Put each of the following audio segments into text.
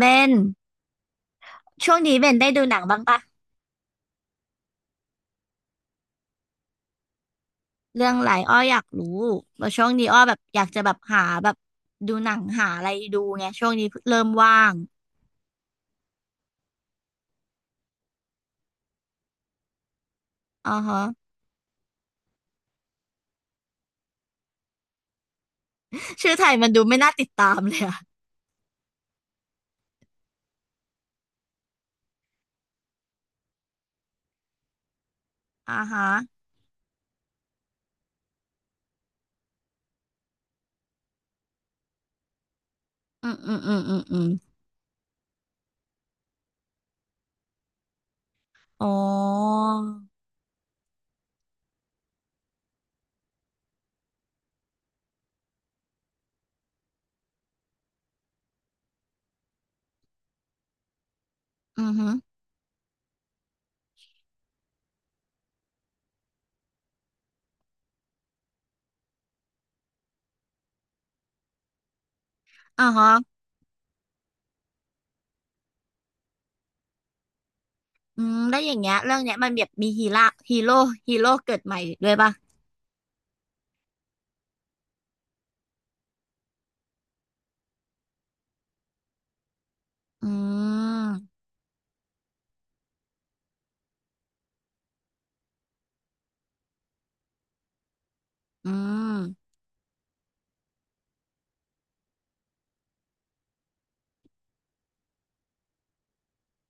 เบนช่วงนี้เบนได้ดูหนังบ้างปะเรื่องอะไรอ้ออยากรู้ว่าช่วงนี้อ้อแบบอยากจะแบบหาแบบดูหนังหาอะไรดูไงช่วงนี้เริ่มว่างอ่าฮะ ชื่อไทยมันดูไม่น่าติดตามเลยอะอ่าฮะอืมอืมอืมอืมอืมอ๋ออือฮึอ่าฮะอืมแล้วอย่างเงี้ยเรื่องเนี้ยมันแบบมีฮีโร่ฮีโร่ฮีโร่เกิดใหม่ด้วยปะอืมอืม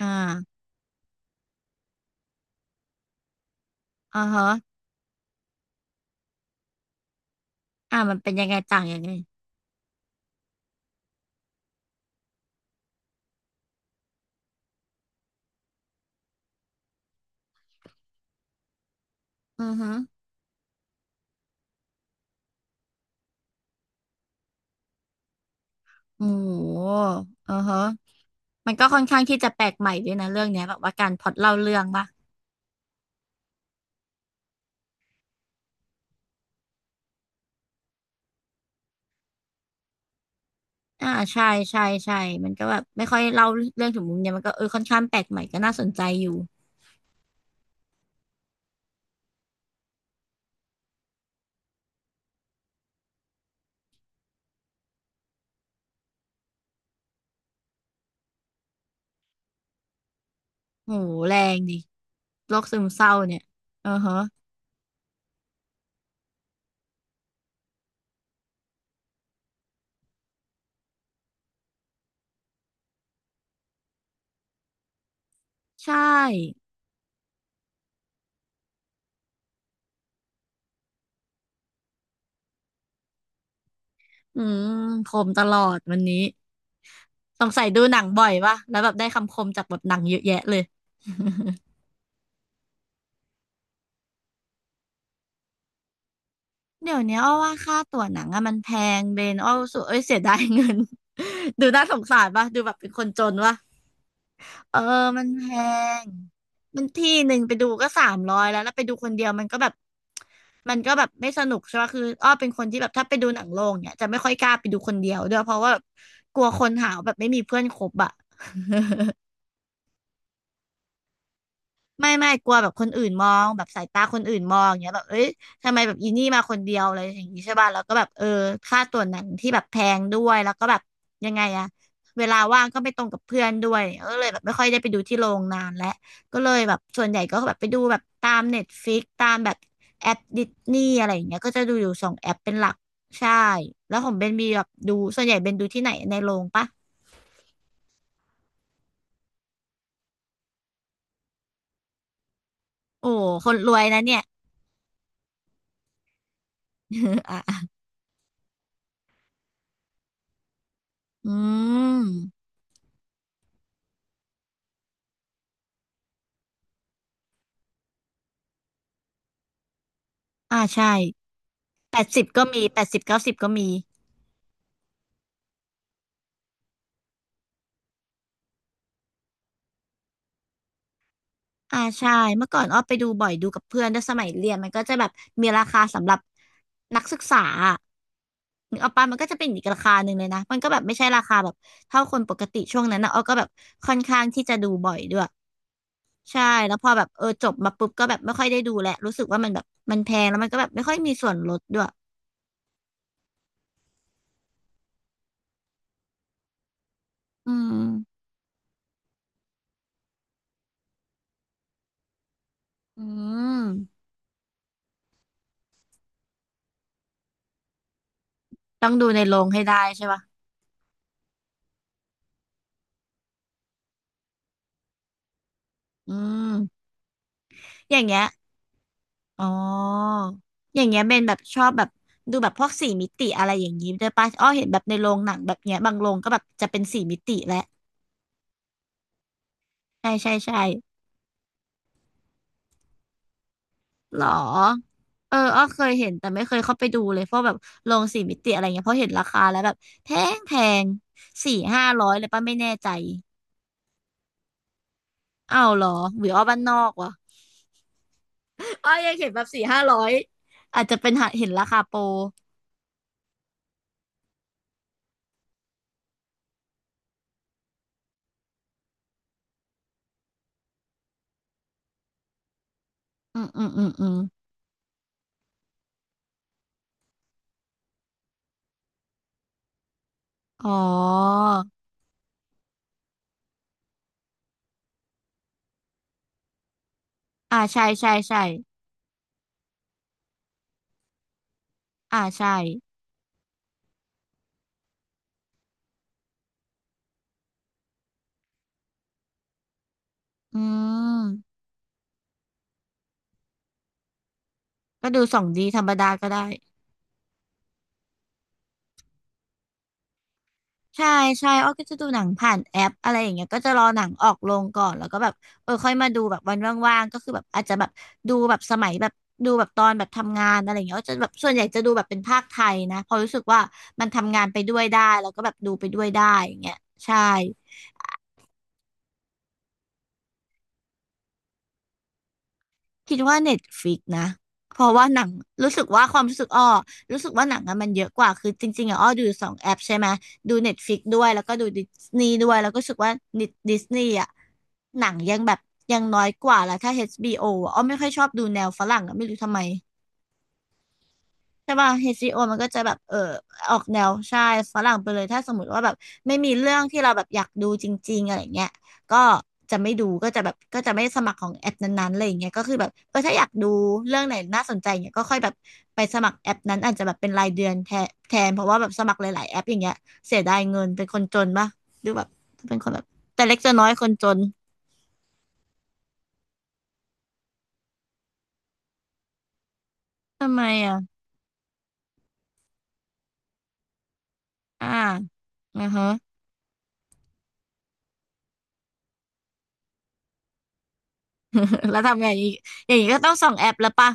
อ่าอ่าฮะอ่ามันเป็นยังไงต่างยังไงอือฮึ โอ้โหอือฮะมันก็ค่อนข้างที่จะแปลกใหม่ด้วยนะเรื่องเนี้ยแบบว่าการพล็อตเล่าเรื่องป่ะอ่าใช่ใช่ใช่ มันก็แบบไม่ค่อยเล่าเรื่องถึงมุมเนี้ยมันก็เออค่อนข้างแปลกใหม่ก็น่าสนใจอยู่โอ้โหแรงดิโรคซึมเศร้าเนี่ยอือฮะใช่อืมคมตลอดวันนี้สงสัยดูหนังบ่อยป่ะแล้วแบบได้คำคมจากบทหนังเยอะแยะเลย เดี๋ยวนี้อ้อว่าค่าตั๋วหนังอะมันแพงเบนอ้อรู้สึกเอ้ยเสียดายเงิน ดูน่าสงสารป่ะดูแบบเป็นคนจนป่ะ เออมันแพงมันที่หนึ่งไปดูก็สามร้อยแล้วแล้วไปดูคนเดียวมันก็แบบมันก็แบบไม่สนุกใช่ปะคืออ้อเป็นคนที่แบบถ้าไปดูหนังโรงเนี่ยจะไม่ค่อยกล้าไปดูคนเดียวด้วยเพราะว่าแบบกลัวคนหาวแบบไม่มีเพื่อนคบอะ ไม่ไม่กลัวแบบคนอื่นมองแบบสายตาคนอื่นมองอย่างเงี้ยแบบเอ้ยทำไมแบบอีนี่มาคนเดียวอะไรอย่างงี้ใช่ป่ะแล้วก็แบบเออค่าตั๋วหนังที่แบบแพงด้วยแล้วก็แบบยังไงอะเวลาว่างก็ไม่ตรงกับเพื่อนด้วยก็เลยแบบไม่ค่อยได้ไปดูที่โรงนานแล้วก็เลยแบบส่วนใหญ่ก็แบบไปดูแบบตามเน็ตฟิกตามแบบแอปดิสนีย์อะไรอย่างเงี้ยก็จะดูอยู่สองแอปเป็นหลักใช่แล้วของเบนมีแบบดูส่วนใหญ่เบนดูที่ไหนในโรงปะโอ้คนรวยนะเนี่ย อ่ะอืมอ่าใช่ แปดสิบก็มีแปดสิบเก้าสิบก็มีอ่าใช่เมื่อก่อนอ้อไปดูบ่อยดูกับเพื่อนด้วยสมัยเรียนมันก็จะแบบมีราคาสำหรับนักศึกษาอะนึกออกปะมันก็จะเป็นอีกราคาหนึ่งเลยนะมันก็แบบไม่ใช่ราคาแบบเท่าคนปกติช่วงนั้นนะอ้อก็แบบค่อนข้างที่จะดูบ่อยด้วยใช่แล้วพอแบบเออจบมาปุ๊บก็แบบไม่ค่อยได้ดูแหละรู้สึกว่ามันแบบมันแพงแล้วมันก็แบบไม่ค่อยมีส่วนลดด้วยอืมอืมต้องดูในโรงให้ได้ใช่ปะอืมอย่างเงี้ย อ๋ออย่างเงี้ยเป็นแบบชอบแบบดูแบบพวกสี่มิติอะไรอย่างงี้ด้วยป่ะอ้อเห็นแบบในโรงหนังแบบเนี้ยบางโรงก็แบบจะเป็นสี่มิติแหละใช่ใช่ใช่หรอเอออ้อเคยเห็นแต่ไม่เคยเข้าไปดูเลยเพราะแบบโรงสี่มิติอะไรเงี้ยเพราะเห็นราคาแล้วแบบแพงแพงสี่ห้าร้อยเลยป่ะไม่แน่ใจอ้าวเหรอหรืออ้อบ้านนอกวะ อ้อยังเห็นแบบสี่ห้าร้อยอาจจะเป็นหาเห็นราคาโปรอืมอืมอืมอืมอ๋ออ่าใช่ใช่ใช่อ่าใช่ อืมก็ดูสองดีธรรมดาก็ได้ใช่ใช่อ้อก็จะดูหนังผ่านแอปอะไรอย่างเงี้ยก็จะรอหนังออกโรงก่อนแล้วก็แบบเออค่อยมาดูแบบวันว่างๆก็คือแบบอาจจะแบบดูแบบสมัยแบบดูแบบตอนแบบทำงานอะไรอย่างเงี้ยก็จะแบบส่วนใหญ่จะดูแบบเป็นภาคไทยนะเพอราะรู้สึกว่ามันทำงานไปด้วยได้แล้วก็แบบดูไปด้วยได้อย่างเงี้ยใช่ คิดว่าเน็ตฟ i ิกนะเพราะว่าหนังรู้สึกว่าความรู้สึกอ้อรู้สึกว่าหนังอะมันเยอะกว่าคือจริงๆอะอ้อดูสองแอปใช่ไหมดูเน็ตฟ i ิกด้วยแล้วก็ดูดิสนีย์ด้วยแล้วก็รู้สึกว่าดิสนีย์อะหนังยังแบบยังน้อยกว่าแล้วถ้า HBO อชบีโออะอ้อไม่ค่อยชอบดูแนวฝรั่งอะไม่รู้ทำไม ใช่ป่ะ HBO มันก็จะแบบเออออกแนวใช่ฝรั่งไปเลยถ้าสมมติว่าแบบไม่มีเรื่องที่เราแบบอยากดูจริงๆอะไรเงี้ยก็จะไม่ดูก็จะแบบก็จะไม่สมัครของแอปนั้นๆอะไรอย่างเงี้ยก็คือแบบเออถ้าอยากดูเรื่องไหนน่าสนใจเนี่ยก็ค่อยแบบไปสมัครแอปนั้นอาจจะแบบเป็นรายเดือนแทนแทนเพราะว่าแบบสมัครหลายๆแอปอย่างเงี้ยเสียดายเงินเป็นคนจนป่ะดูแบบเป็นคนแบบแต่เล็กจะน้อยคนจนทำไมอ่ะอ่านะฮะ แล้วทำไงอีกอย่างนี้ก็ต้องส่องแอปแล้วป่ะ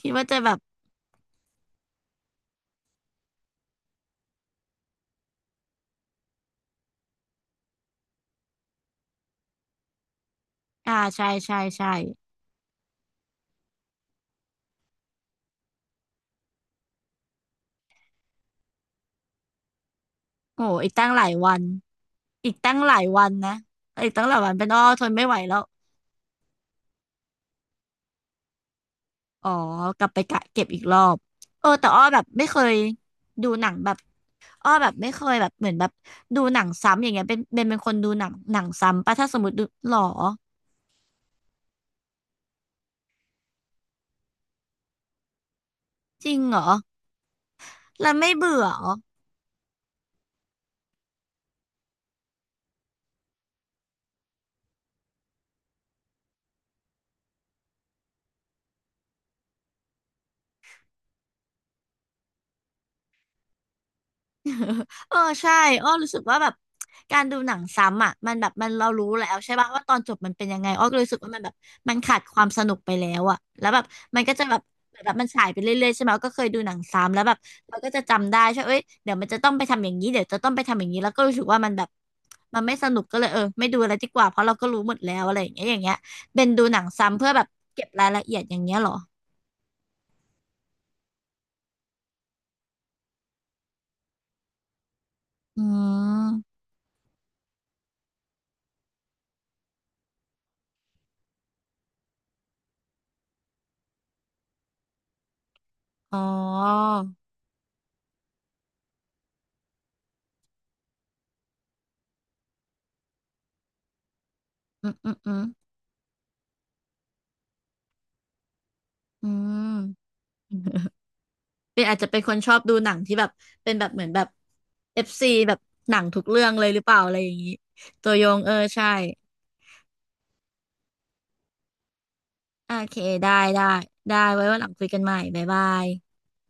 คิดว่าจะแบบ อ่าใช่ใช่ใช่โอ้อีกตั้งหลายวันอีกตั้งหลายวันนะอีกตั้งหลายวันเป็นอ้อทนไม่ไหวแล้วอ๋อกลับไปกะเก็บอีกรอบเออแต่อ้อแบบไม่เคยดูหนังแบบอ้อแบบไม่เคยแบบเหมือนแบบดูหนังซ้ำอย่างเงี้ยเป็นเป็นเป็นคนดูหนังหนังซ้ำปะถ้าสมมติดูหรอจริงเหรอแล้วไม่เบื่อเหรอ เออใช่อ้อรู้สึกว่าแบบการดูหนังซ้ำอ่ะมันแบบมันเรารู้แล้วใช่ป่ะว่าตอนจบมันเป็นยังไงอ้อก็เลยรู้สึกว่ามันแบบมันขาดความสนุกไปแล้วอ่ะแล้วแบบมันก็จะแบบแบบมันฉายไปเรื่อยๆใช่ไหมอ้อก็เคยดูหนังซ้ำแล้วแบบเราก็จะจำได้ใช่เอ้ยเดี๋ยวมันจะต้องไปทำอย่างนี้เดี๋ยวจะต้องไปทำอย่างนี้แล้วก็รู้สึกว่ามันแบบมันไม่สนุกก็เลยเออไม่ดูอะไรดีกว่าเพราะเราก็รู้หมดแล้วอะไรอย่างเงี้ยอย่างเงี้ยเป็นดูหนังซ้ำเพื่อแบบเก็บรายละเอียดอย่างเงี้ยเหรออืมอ๋ออืมอืมอืมอืม เป็นอาจจะเป็นคนชอบดูหนังที่แบบเป็นแบบเหมือนแบบเอฟซีแบบหนังทุกเรื่องเลยหรือเปล่าอะไรอย่างนี้ตัวยงเออใช่โอเคได้ได้ได้ไว้วันหลังคุยกันใหม่บ๊ายบาย